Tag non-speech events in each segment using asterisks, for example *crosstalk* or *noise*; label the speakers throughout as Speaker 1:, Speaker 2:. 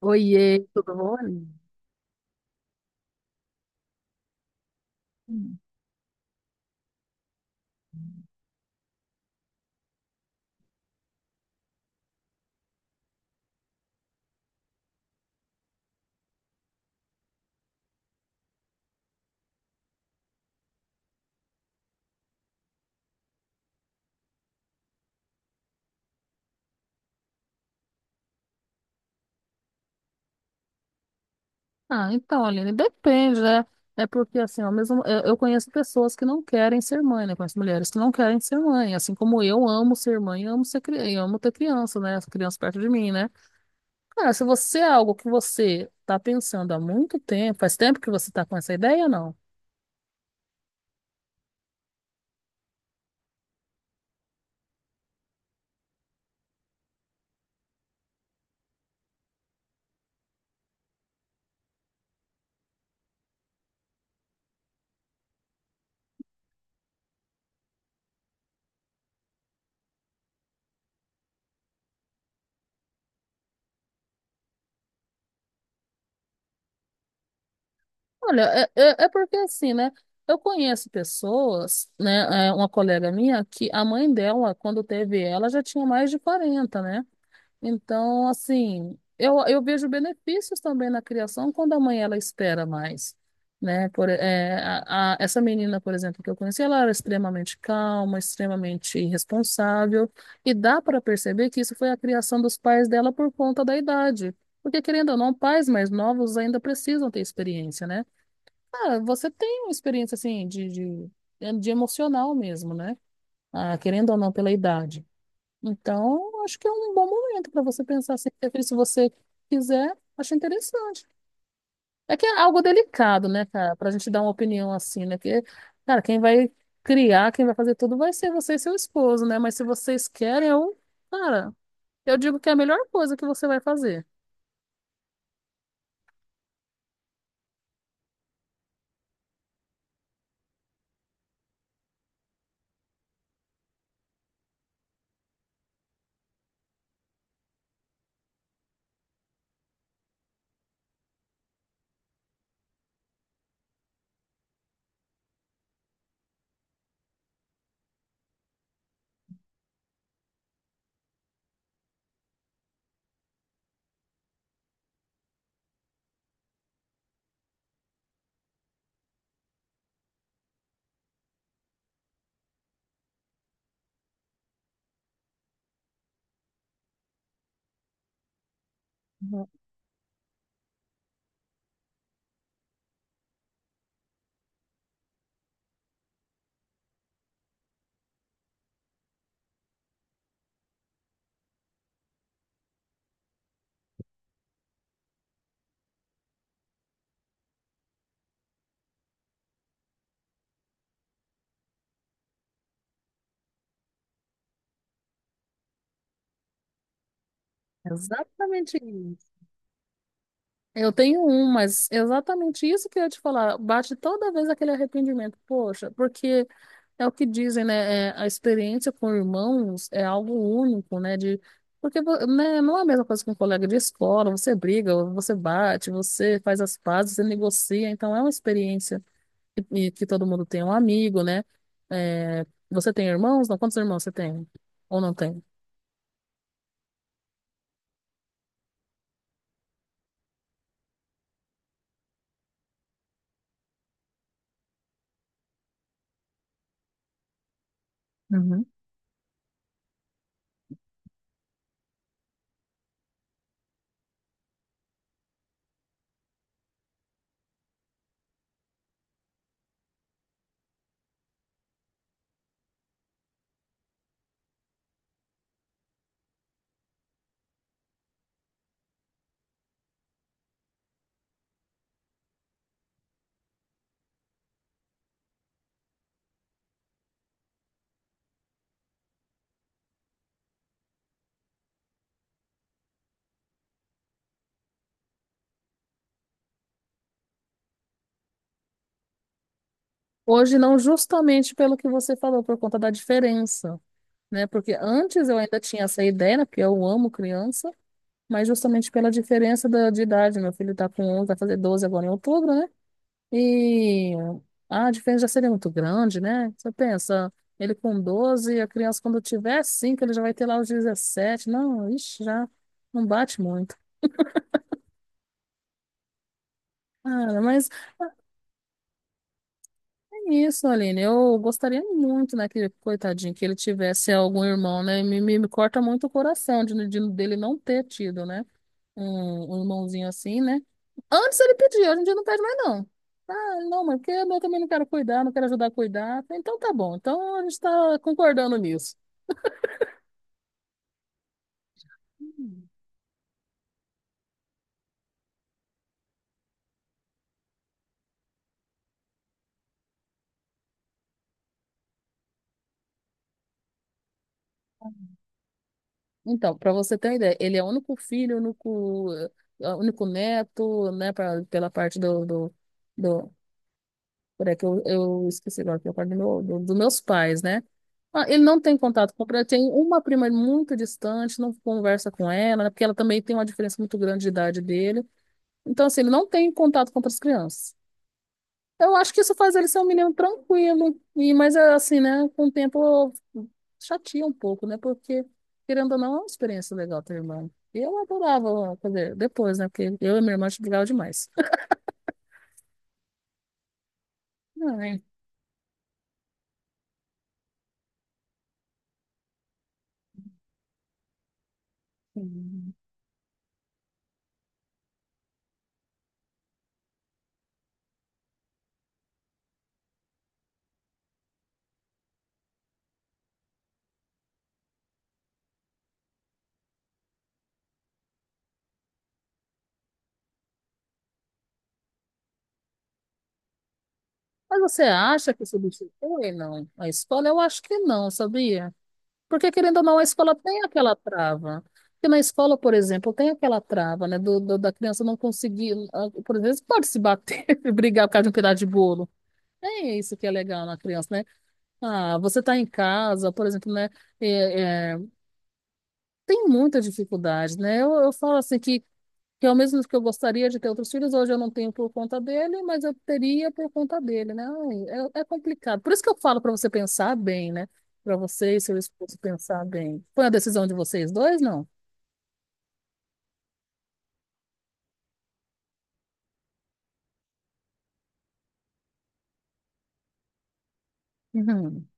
Speaker 1: Oiê, tudo bom? Hum. Ah, então, Aline, depende, né? É porque, assim, ao mesmo, eu conheço pessoas que não querem ser mãe, né? Conheço mulheres que não querem ser mãe. Assim como eu amo ser mãe, eu amo ter criança, né? Essa criança perto de mim, né? Cara, se você é algo que você tá pensando há muito tempo, faz tempo que você tá com essa ideia, não? Olha, é porque, assim, né? Eu conheço pessoas, né? Uma colega minha, que a mãe dela, quando teve ela, já tinha mais de 40, né? Então, assim, eu vejo benefícios também na criação quando a mãe ela espera mais, né? Por, é, a- essa menina, por exemplo, que eu conheci, ela era extremamente calma, extremamente responsável, e dá para perceber que isso foi a criação dos pais dela por conta da idade. Porque, querendo ou não, pais mais novos ainda precisam ter experiência, né? Ah, você tem uma experiência, assim, de emocional mesmo, né? Ah, querendo ou não, pela idade. Então, acho que é um bom momento para você pensar assim, prefiro, se você quiser, acho interessante. É que é algo delicado, né, cara, para a gente dar uma opinião assim, né? Que, cara, quem vai criar, quem vai fazer tudo vai ser você e seu esposo, né? Mas se vocês querem, eu, cara, eu digo que é a melhor coisa que você vai fazer. Uhum. Exatamente isso. Eu tenho um, mas é exatamente isso que eu ia te falar. Bate toda vez aquele arrependimento. Poxa, porque é o que dizem, né? A experiência com irmãos é algo único, né? Não é a mesma coisa que um colega de escola. Você briga, você bate, você faz as pazes, você negocia. Então, é uma experiência que todo mundo tem. Um amigo, né? É, você tem irmãos? Não, quantos irmãos você tem? Ou não tem? Hoje não, justamente pelo que você falou, por conta da diferença, né? Porque antes eu ainda tinha essa ideia, né? Porque eu amo criança, mas justamente pela diferença de idade. Meu filho tá com 11, vai fazer 12 agora em outubro, né? E a diferença já seria muito grande, né? Você pensa, ele com 12 a criança quando tiver 5 ele já vai ter lá os 17. Não, ixi, já não bate muito. Cara, mas isso, Aline, eu gostaria muito, né, que, coitadinho, que ele tivesse algum irmão, né, me corta muito o coração dele não ter tido, né, um irmãozinho assim, né, antes ele pedia, hoje em dia não pede mais não, ah, não, mas porque eu também não quero cuidar, não quero ajudar a cuidar, então tá bom, então a gente tá concordando nisso. Então, para você ter uma ideia, ele é o único filho, o único, o único neto, né, pela parte do, do, do- Por é que eu esqueci agora que eu falo dos meus pais, né? Ah, ele não tem contato com ele, tem uma prima muito distante, não conversa com ela, né? Porque ela também tem uma diferença muito grande de idade dele. Então, assim, ele não tem contato com outras crianças. Eu acho que isso faz ele ser um menino tranquilo, mas é assim, né? Com o tempo chateia um pouco, né? Porque, querendo ou não, é uma experiência legal ter irmã. E eu adorava fazer depois, né? Porque eu e minha irmã a gente brigava demais. *laughs* Ai. Mas você acha que substitui, não? A escola, eu acho que não, sabia? Porque, querendo ou não, a escola tem aquela trava. Porque na escola, por exemplo, tem aquela trava, né? Da criança não conseguir, por exemplo, pode se bater *laughs* e brigar por causa de um pedaço de bolo. É isso que é legal na criança, né? Ah, você tá em casa, por exemplo, né? É, é, tem muita dificuldade, né? Eu falo assim que ao mesmo que eu gostaria de ter outros filhos, hoje eu não tenho por conta dele, mas eu teria por conta dele, né? Ai, é complicado. Por isso que eu falo para você pensar bem, né? Para você e seu esposo pensar bem. Foi a decisão de vocês dois, não? Uhum.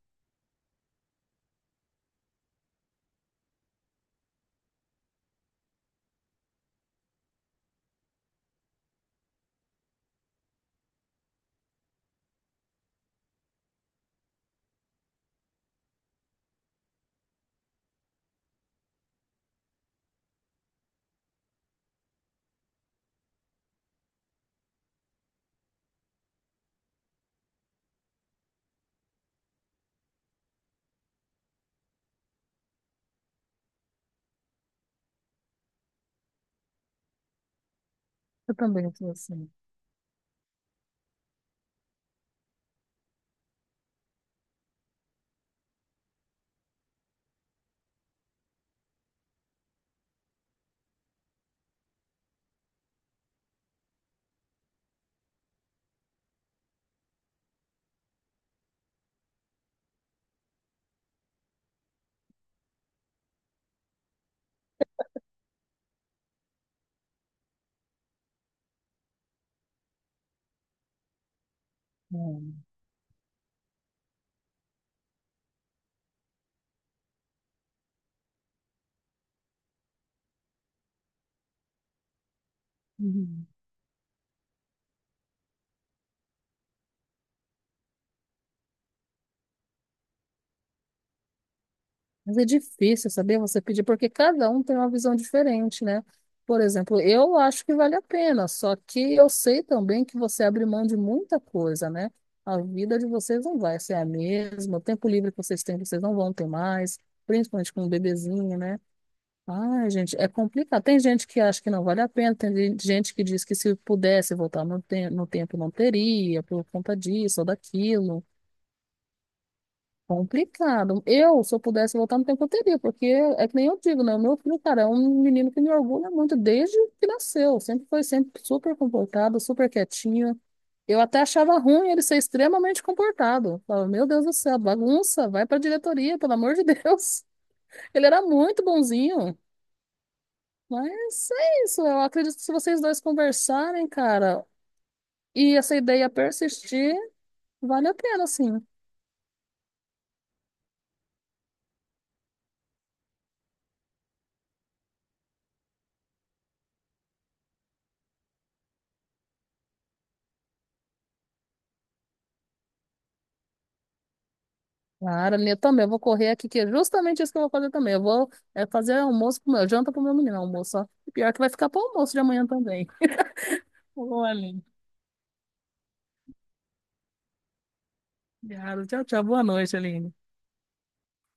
Speaker 1: Eu também sou assim. É. Uhum. Mas é difícil, saber você pedir, porque cada um tem uma visão diferente, né? Por exemplo, eu acho que vale a pena, só que eu sei também que você abre mão de muita coisa, né? A vida de vocês não vai ser a mesma, o tempo livre que vocês têm, vocês não vão ter mais, principalmente com um bebezinho, né? Ai, gente, é complicado. Tem gente que acha que não vale a pena, tem gente que diz que se pudesse voltar no tempo não teria, por conta disso ou daquilo. Complicado. Eu, se eu pudesse voltar no tempo, eu teria, porque é que nem eu digo, né? O meu filho, cara, é um menino que me orgulha muito desde que nasceu. Sempre foi sempre super comportado, super quietinho. Eu até achava ruim ele ser extremamente comportado. Falava, meu Deus do céu, bagunça, vai pra diretoria, pelo amor de Deus. *laughs* Ele era muito bonzinho. Mas é isso, eu acredito que se vocês dois conversarem, cara, e essa ideia persistir, vale a pena, sim. Claro, eu também. Eu vou correr aqui, que é justamente isso que eu vou fazer também. Eu vou fazer almoço janta pro meu menino, almoço, ó. E pior que vai ficar pro almoço de amanhã também. *laughs* Boa, Aline. Obrigada. Tchau, tchau. Boa noite, Aline.